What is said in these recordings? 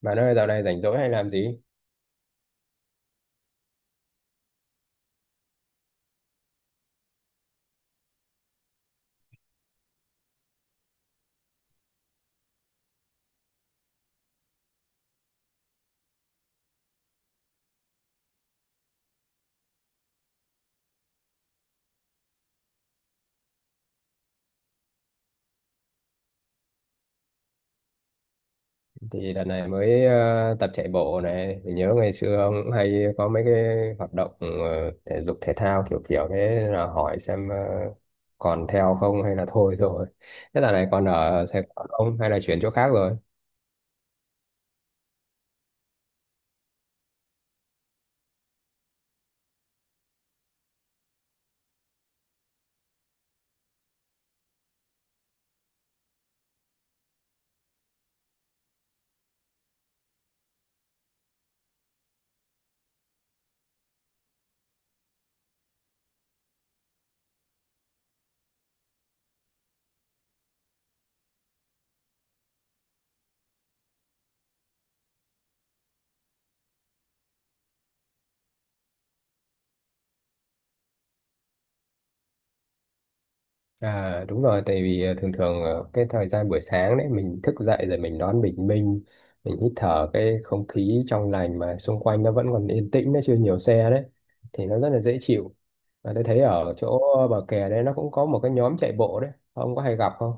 Bạn ơi, dạo này rảnh rỗi hay làm gì? Thì đợt này mới tập chạy bộ này. Mình nhớ ngày xưa ông cũng hay có mấy cái hoạt động thể dục thể thao kiểu kiểu thế nên là hỏi xem còn theo không hay là thôi rồi. Thế dạo này còn ở Sài Gòn không hay là chuyển chỗ khác rồi? À, đúng rồi, tại vì thường thường cái thời gian buổi sáng đấy mình thức dậy rồi mình đón bình minh, mình hít thở cái không khí trong lành mà xung quanh nó vẫn còn yên tĩnh, nó chưa nhiều xe đấy, thì nó rất là dễ chịu. Và tôi thấy ở chỗ bờ kè đấy nó cũng có một cái nhóm chạy bộ đấy, ông có hay gặp không?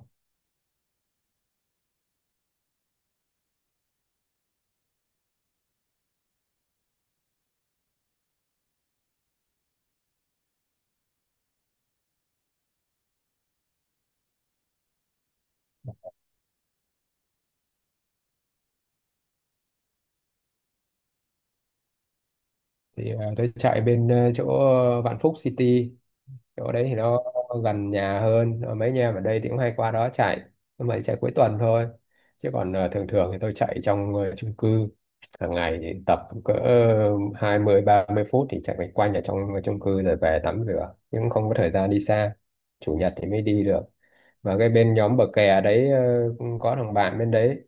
Thì tôi chạy bên chỗ Vạn Phúc City, chỗ đấy thì nó gần nhà hơn. Ờ, Mấy anh em ở đây thì cũng hay qua đó chạy, nhưng mà chạy cuối tuần thôi, chứ còn thường thường thì tôi chạy trong chung cư hàng ngày, thì tập cỡ hai mươi ba mươi phút thì chạy quanh quanh ở trong chung cư rồi về tắm rửa, nhưng cũng không có thời gian đi xa. Chủ nhật thì mới đi được. Và cái bên nhóm bờ kè đấy, cũng có thằng bạn bên đấy,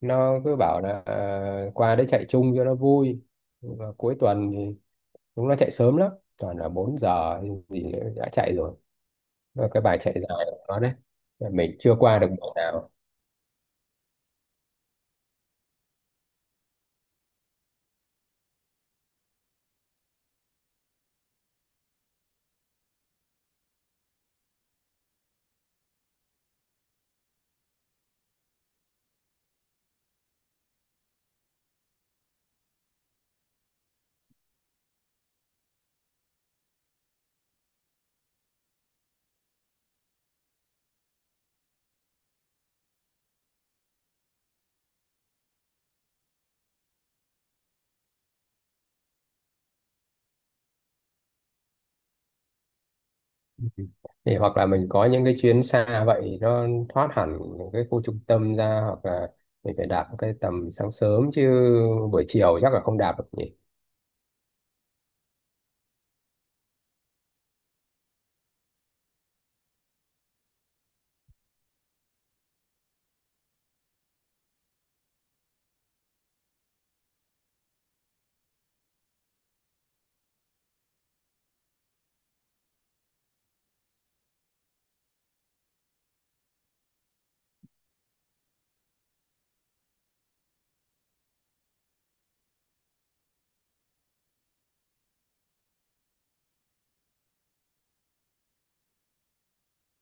nó cứ bảo là qua đấy chạy chung cho nó vui. Và cuối tuần thì chúng nó chạy sớm lắm, toàn là 4 giờ thì đã chạy rồi, và cái bài chạy dài của nó đấy mình chưa qua được mùa nào. Thì hoặc là mình có những cái chuyến xa vậy nó thoát hẳn cái khu trung tâm ra, hoặc là mình phải đạp cái tầm sáng sớm chứ buổi chiều chắc là không đạp được nhỉ.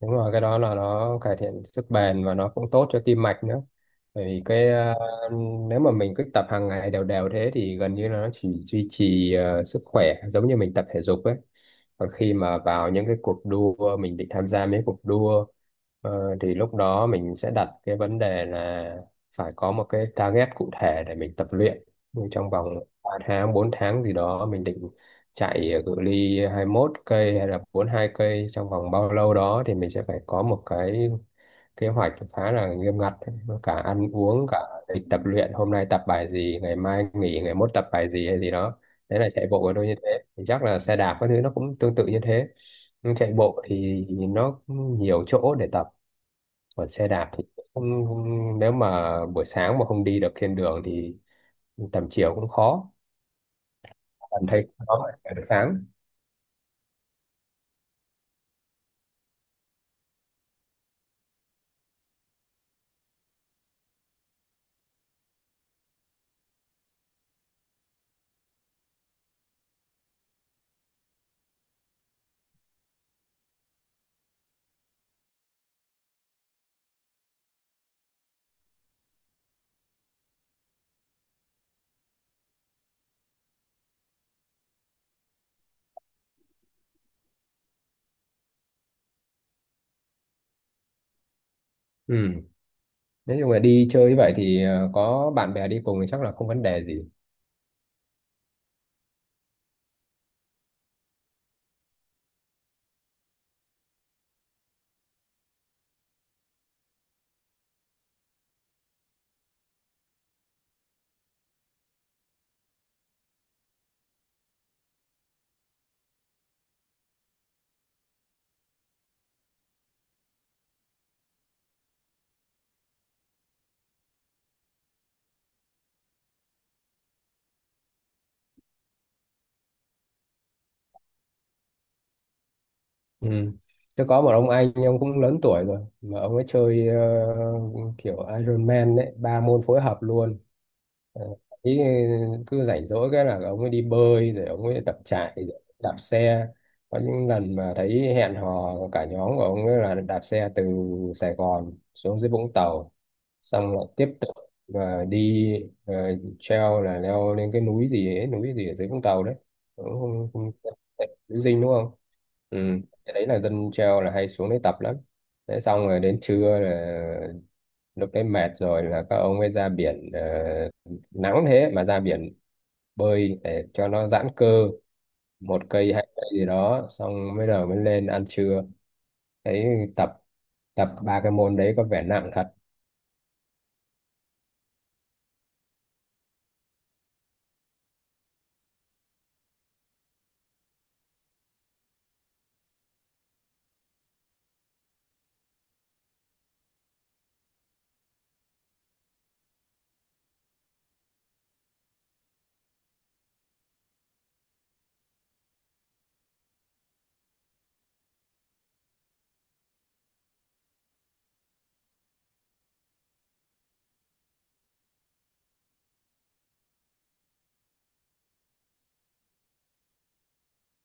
Đúng rồi, cái đó là nó cải thiện sức bền và nó cũng tốt cho tim mạch nữa. Bởi vì cái nếu mà mình cứ tập hàng ngày đều đều thế thì gần như là nó chỉ duy trì sức khỏe giống như mình tập thể dục ấy. Còn khi mà vào những cái cuộc đua mình định tham gia mấy cuộc đua thì lúc đó mình sẽ đặt cái vấn đề là phải có một cái target cụ thể để mình tập luyện. Nhưng trong vòng 3 tháng, 4 tháng gì đó mình định chạy cự ly hai mốt cây hay là bốn hai cây trong vòng bao lâu đó thì mình sẽ phải có một cái kế hoạch khá là nghiêm ngặt, cả ăn uống, cả lịch tập luyện, hôm nay tập bài gì, ngày mai nghỉ, ngày mốt tập bài gì hay gì đó. Đấy là chạy bộ của tôi như thế, thì chắc là xe đạp các thứ nó cũng tương tự như thế. Nhưng chạy bộ thì nó nhiều chỗ để tập, còn xe đạp thì không, không- nếu mà buổi sáng mà không đi được trên đường thì tầm chiều cũng khó, cảm thấy khó mà chạy buổi sáng. Ừ. Nếu như mà đi chơi như vậy thì có bạn bè đi cùng thì chắc là không vấn đề gì. Ừ. Tôi có một ông anh, ông cũng lớn tuổi rồi, mà ông ấy chơi kiểu Iron Man đấy, ba môn phối hợp luôn. Ờ, ý cứ rảnh rỗi cái là ông ấy đi bơi rồi ông ấy tập chạy rồi đạp xe, có những lần mà thấy hẹn hò cả nhóm của ông ấy là đạp xe từ Sài Gòn xuống dưới Vũng Tàu, xong lại tiếp tục và đi ờ, treo là leo lên cái núi gì ấy, núi gì ở dưới Vũng Tàu đấy. Cũng không, không, núi Dinh đúng không. Ừ. Cái đấy là dân treo là hay xuống đấy tập lắm. Thế xong rồi đến trưa là lúc đấy mệt rồi là các ông ấy ra biển, nắng thế mà ra biển bơi để cho nó giãn cơ, một cây hai cây gì đó xong mới đầu mới lên ăn trưa. Thấy tập, tập ba cái môn đấy có vẻ nặng thật.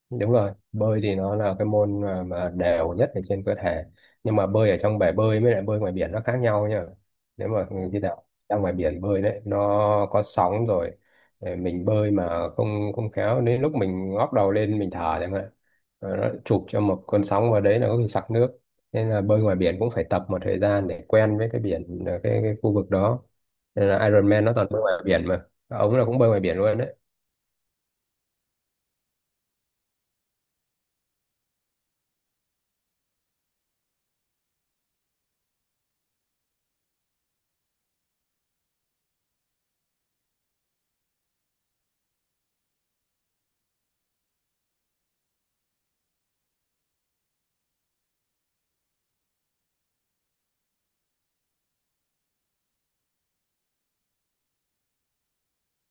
Đúng rồi, bơi thì nó là cái môn mà đều nhất ở trên cơ thể, nhưng mà bơi ở trong bể bơi với lại bơi ngoài biển nó khác nhau nhá. Nếu mà khi nào ra ngoài biển bơi đấy, nó có sóng rồi, để mình bơi mà không không khéo đến lúc mình ngóc đầu lên mình thở chẳng hạn, rồi nó chụp cho một cơn sóng vào đấy là có khi sặc nước, nên là bơi ngoài biển cũng phải tập một thời gian để quen với cái biển, cái khu vực đó. Nên là Ironman nó toàn bơi ngoài biển mà, ông là cũng bơi ngoài biển luôn đấy.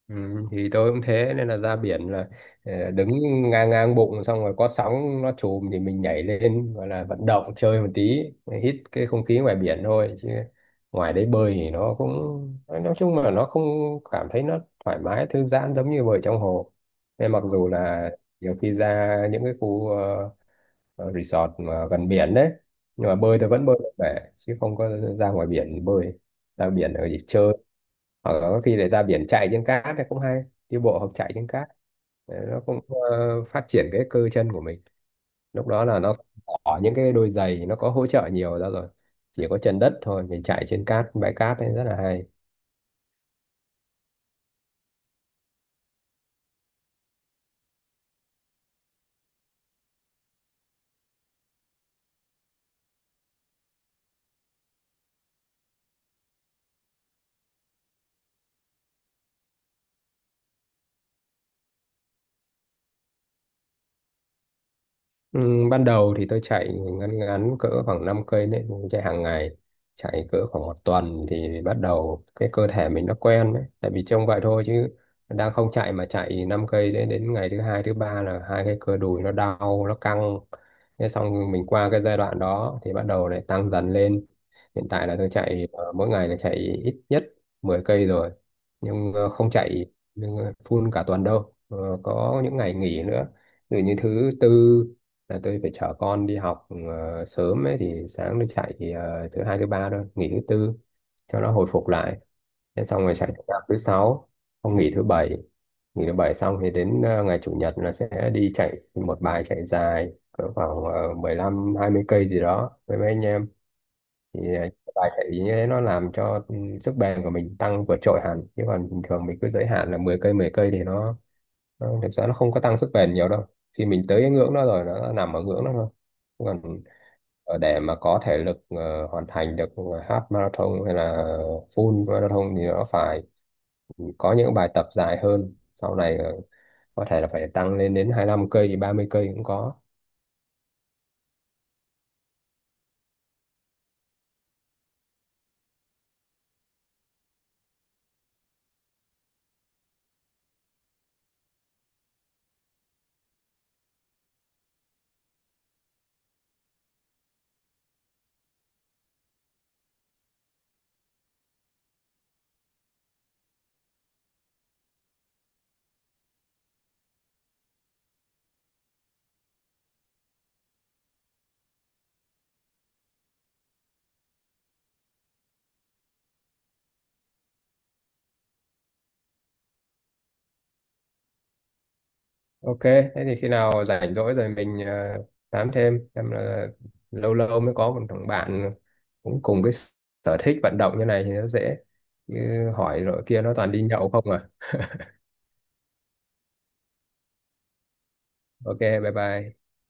Ừ, thì tôi cũng thế, nên là ra biển là đứng ngang ngang bụng xong rồi có sóng nó chùm thì mình nhảy lên gọi là vận động chơi một tí, hít cái không khí ngoài biển thôi, chứ ngoài đấy bơi thì nó cũng, nói chung là nó không cảm thấy nó thoải mái thư giãn giống như bơi trong hồ. Nên mặc dù là nhiều khi ra những cái khu resort mà gần biển đấy, nhưng mà bơi tôi vẫn bơi được bể, chứ không có ra ngoài biển bơi, ra biển ở chỉ chơi, hoặc là có khi để ra biển chạy trên cát thì cũng hay, đi bộ hoặc chạy trên cát. Đấy, nó cũng phát triển cái cơ chân của mình, lúc đó là nó bỏ những cái đôi giày nó có hỗ trợ nhiều ra rồi, chỉ có chân đất thôi, mình chạy trên cát bãi cát ấy rất là hay. Ừ, ban đầu thì tôi chạy ngắn ngắn cỡ khoảng 5 cây đấy, mình chạy hàng ngày, chạy cỡ khoảng một tuần thì bắt đầu cái cơ thể mình nó quen đấy, tại vì trông vậy thôi chứ đang không chạy mà chạy 5 cây đấy đến ngày thứ hai thứ ba là hai cái cơ đùi nó đau nó căng, thế xong mình qua cái giai đoạn đó thì bắt đầu lại tăng dần lên, hiện tại là tôi chạy mỗi ngày là chạy ít nhất 10 cây rồi, nhưng không chạy full cả tuần đâu, ờ, có những ngày nghỉ nữa. Ví dụ như thứ tư là tôi phải chở con đi học sớm ấy thì sáng nó chạy thì, thứ hai thứ ba thôi nghỉ thứ tư cho nó hồi phục lại, thế xong rồi chạy tập thứ sáu, không nghỉ thứ bảy, nghỉ thứ bảy xong thì đến ngày chủ nhật là sẽ đi chạy một bài chạy dài cỡ khoảng 20 cây gì đó với mấy anh em. Thì bài chạy như thế nó làm cho sức bền của mình tăng vượt trội hẳn, chứ còn bình thường mình cứ giới hạn là 10 cây thì thực ra nó không có tăng sức bền nhiều đâu, khi mình tới cái ngưỡng đó rồi nó nằm ở ngưỡng đó thôi. Còn ở để mà có thể lực hoàn thành được half marathon hay là full marathon thì nó phải có những bài tập dài hơn, sau này có thể là phải tăng lên đến 25 cây 30 cây cũng có. Ok thế thì khi nào rảnh rỗi rồi mình tám thêm, em là lâu lâu mới có một thằng bạn cũng cùng cái sở thích vận động như này thì nó dễ. Như hỏi rồi kia nó toàn đi nhậu không à. Ok bye bye.